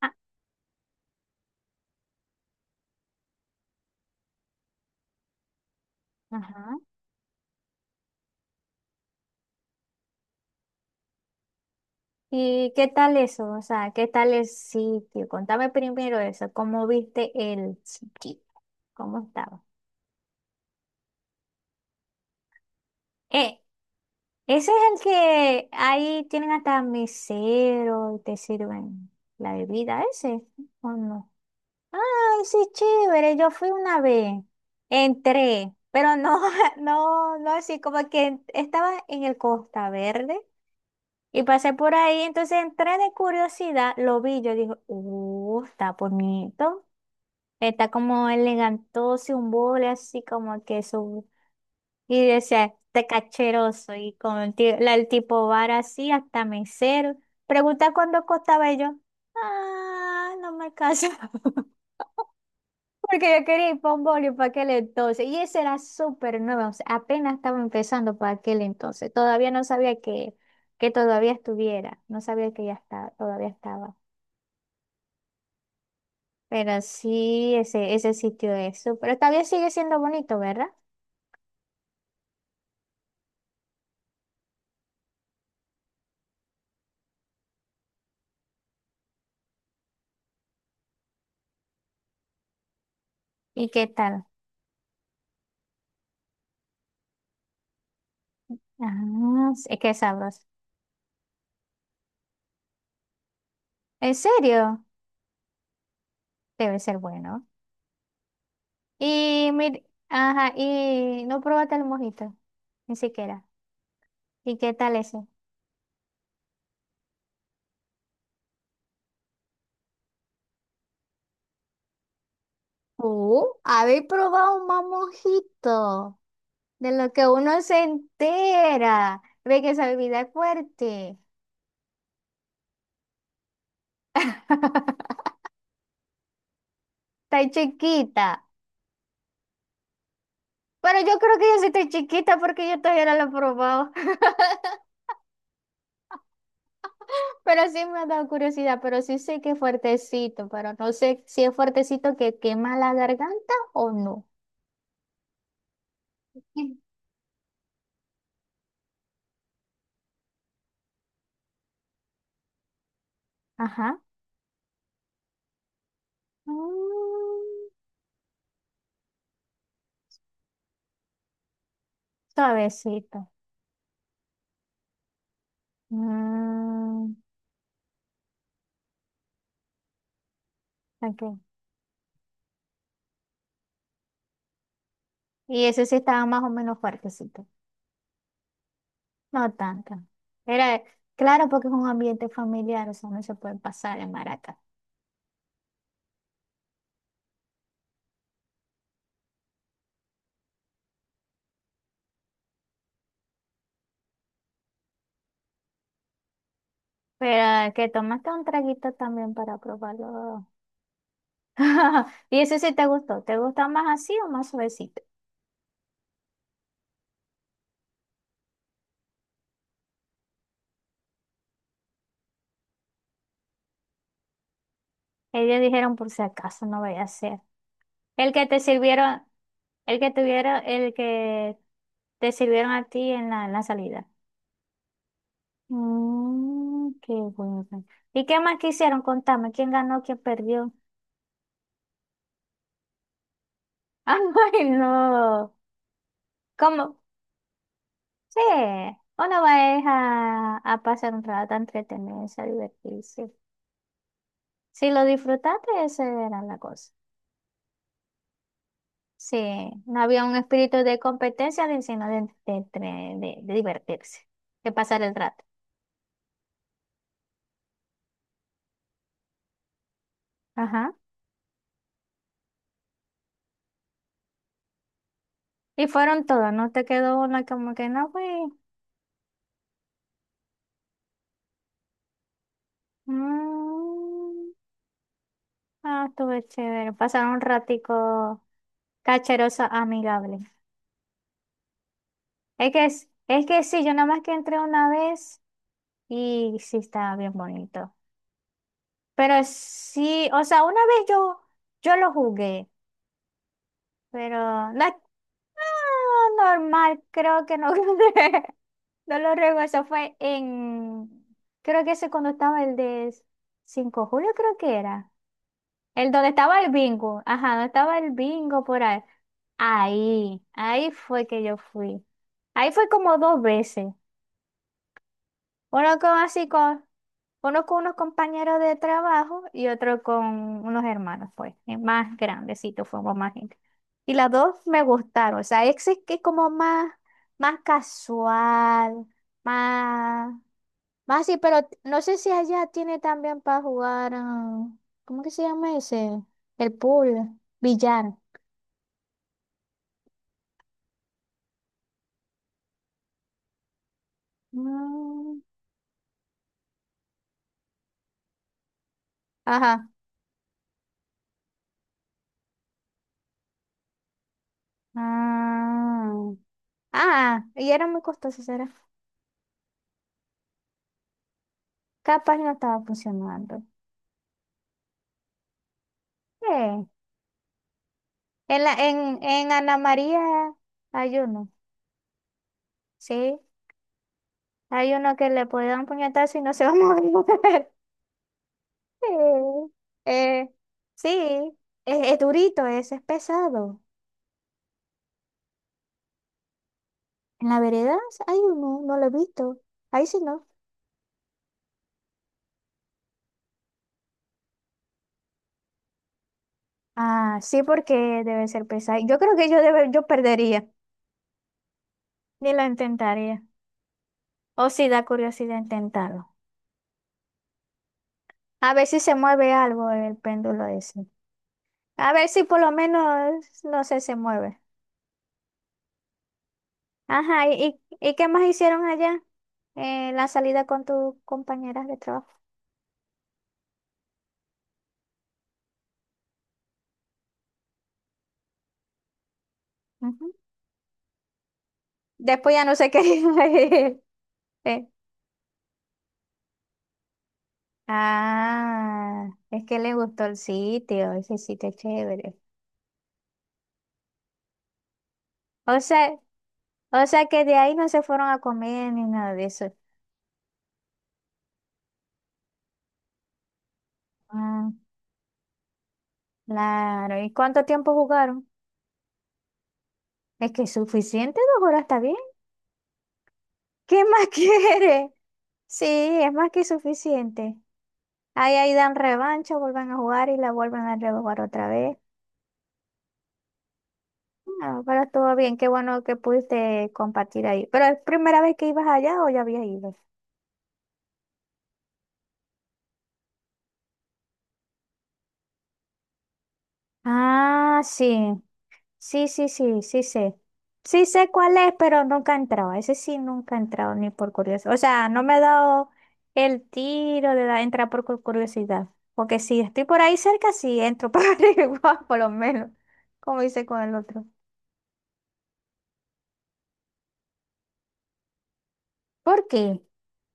Ah, ajá. ¿Y qué tal eso? O sea, ¿qué tal el sitio? Contame primero eso. ¿Cómo viste el sitio? ¿Cómo estaba? Eh, Ese es el que ahí tienen hasta mesero y te sirven la bebida, ese, ¿o no? Ay, sí, chévere. Yo fui una vez. Entré, pero no, no, no así como que estaba en el Costa Verde. Y pasé por ahí, entonces entré de curiosidad, lo vi, yo dije, está bonito. Está como elegantoso, un bole así como que su... Y decía, está cacheroso. Y con el, el tipo bar así, hasta mesero. Pregunta cuánto costaba y yo. Ah, no me alcanza. Porque yo quería ir para un boli para aquel entonces. Y ese era súper nuevo. O sea, apenas estaba empezando para aquel entonces. Todavía no sabía que todavía estuviera. No sabía que ya estaba, todavía estaba. Pero sí, ese sitio es súper. Todavía sigue siendo bonito, ¿verdad? ¿Y qué tal? Ah, sí, es que sabroso. ¿En serio? Debe ser bueno. Y ajá, y no probaste el mojito. Ni siquiera. ¿Y qué tal ese? Habéis probado un mamojito. De lo que uno se entera. Ve que esa bebida es fuerte. Está chiquita. Pero yo creo que yo sí estoy chiquita porque yo todavía no lo he probado. Pero sí me ha dado curiosidad. Pero sí sé que es fuertecito. Pero no sé si es fuertecito que quema la garganta o no. Sí. Ajá. Mm, suavecito. Mm, ok. Y ese sí estaba más o menos fuertecito. No tanto. Era, claro, porque es un ambiente familiar, o sea, no se puede pasar en maraca. Pero que tomaste un traguito también para probarlo. Y eso sí te gustó. ¿Te gusta más así o más suavecito? Ellos dijeron por si acaso no voy a hacer. El que te sirvieron, el que tuvieron, el que te sirvieron a ti en la salida. Mm, qué bueno. ¿Y qué más quisieron? Contame, ¿quién ganó, quién perdió? Ay, no. ¿Cómo? Sí, uno va es a pasar un rato, a entretenerse, a divertirse. Si lo disfrutaste, esa era la cosa. Sí, no había un espíritu de competencia, sino de divertirse, de pasar el rato. Ajá. Y fueron todos, no te quedó una como que no fui. Mm, ah, estuve chévere. Pasaron un ratico cacheroso, amigable. Es que, es que sí, yo nada más que entré una vez y sí estaba bien bonito. Pero sí, o sea, una vez yo, yo lo jugué, pero no, ah, normal, creo que no, no lo recuerdo, eso fue en, creo que ese cuando estaba el de 5 de julio, creo que era, el donde estaba el bingo, ajá, donde estaba el bingo por ahí, ahí, ahí fue que yo fui, ahí fue como dos veces, bueno, como así, con uno con unos compañeros de trabajo y otro con unos hermanos, pues, más grandecitos, fuimos más gente. Y las dos me gustaron, o sea, ese es que es como más, más casual, más, más así, pero no sé si allá tiene también para jugar, ah, ¿cómo que se llama ese? El pool, billar. Mm, ajá. Ah, ah, y era muy costoso, será. Capaz no estaba funcionando. Sí. En la, en Ana María hay uno, ¿sí? Hay uno que le puede dar un puñetazo y no se va a mover. Sí, eh, sí, es durito, ese es pesado. En la vereda hay uno, no lo he visto. Ahí sí no. Ah, sí, porque debe ser pesado. Yo creo que yo, debe, yo perdería, ni lo intentaría. O si da curiosidad intentarlo. A ver si se mueve algo el péndulo ese. A ver si por lo menos, no sé, se mueve. Ajá, y qué más hicieron allá en la salida con tus compañeras de trabajo? Ujú. Después ya no sé qué. Eh, Ah, es que le gustó el sitio, ese sitio es chévere. O sea, o sea que de ahí no se fueron a comer ni nada de eso. Ah, claro. ¿Y cuánto tiempo jugaron? Es que es suficiente, dos horas está bien. ¿Qué más quiere? Sí, es más que suficiente. Ahí, ahí dan revancha, vuelven a jugar y la vuelven a rejugar otra vez. No, pero todo bien, qué bueno que pudiste compartir ahí. ¿Pero es primera vez que ibas allá o ya habías ido? Ah, sí, sí, sí, sí, sí sé. Sí sé cuál es, pero nunca he entrado. Ese sí nunca he entrado, ni por curiosidad. O sea, no me he dado el tiro de entrar por curiosidad. Porque si estoy por ahí cerca, sí entro para averiguar, por lo menos, como hice con el otro. ¿Por qué?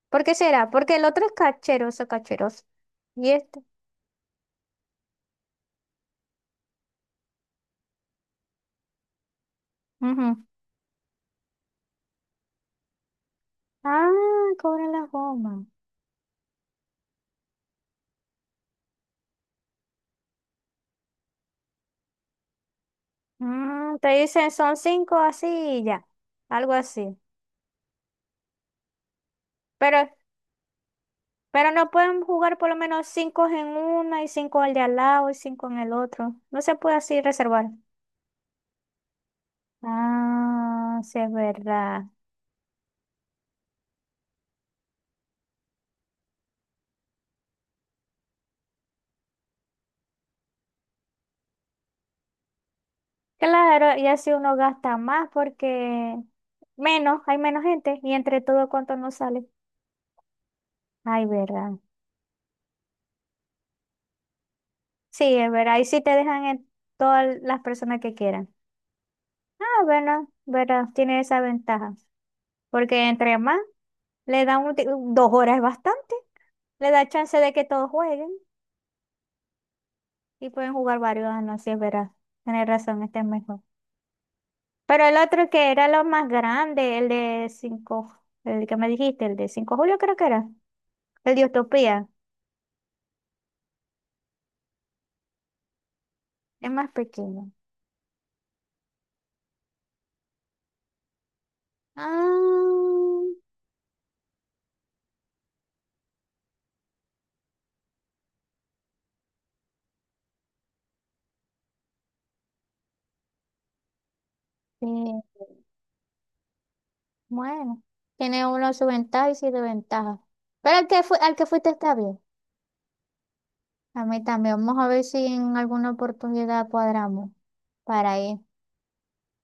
¿Por qué será? Porque el otro es cacheroso, cacheroso. Y este. Ah, cobran las gomas. Mm, te dicen son cinco así y ya, algo así. Pero, pero no pueden jugar por lo menos cinco en una y cinco al de al lado y cinco en el otro. No se puede así reservar. Ah, sí es verdad. Claro, y así uno gasta más porque menos, hay menos gente y entre todo cuánto no sale. Ay, verdad. Sí, es verdad. Y sí te dejan en todas las personas que quieran. Ah, bueno, verdad, tiene esa ventaja. Porque entre más le dan un dos horas es bastante. Le da chance de que todos jueguen y pueden jugar varios años, sí, es verdad. Tienes razón, este es mejor. Pero el otro que era lo más grande, el de 5 el que me dijiste, el de 5 julio creo que era. El de Utopía, es más pequeño. Ah, sí. Bueno, tiene uno su ventaja y su desventaja. Pero al que, al que fuiste está bien. A mí también. Vamos a ver si en alguna oportunidad cuadramos para ir.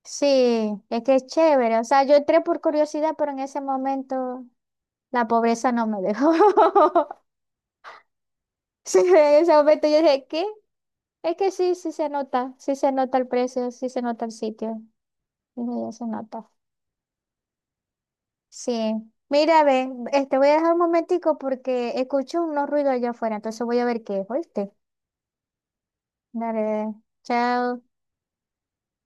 Sí, es que es chévere. O sea, yo entré por curiosidad, pero en ese momento la pobreza no me dejó. Sí, en ese momento yo dije, ¿qué? Es que sí, sí se nota el precio, sí se nota el sitio. Dije, ya se nota. Sí. Mira, ve, este voy a dejar un momentico porque escucho unos ruidos allá afuera, entonces voy a ver qué es, ¿oíste? Dale, chao.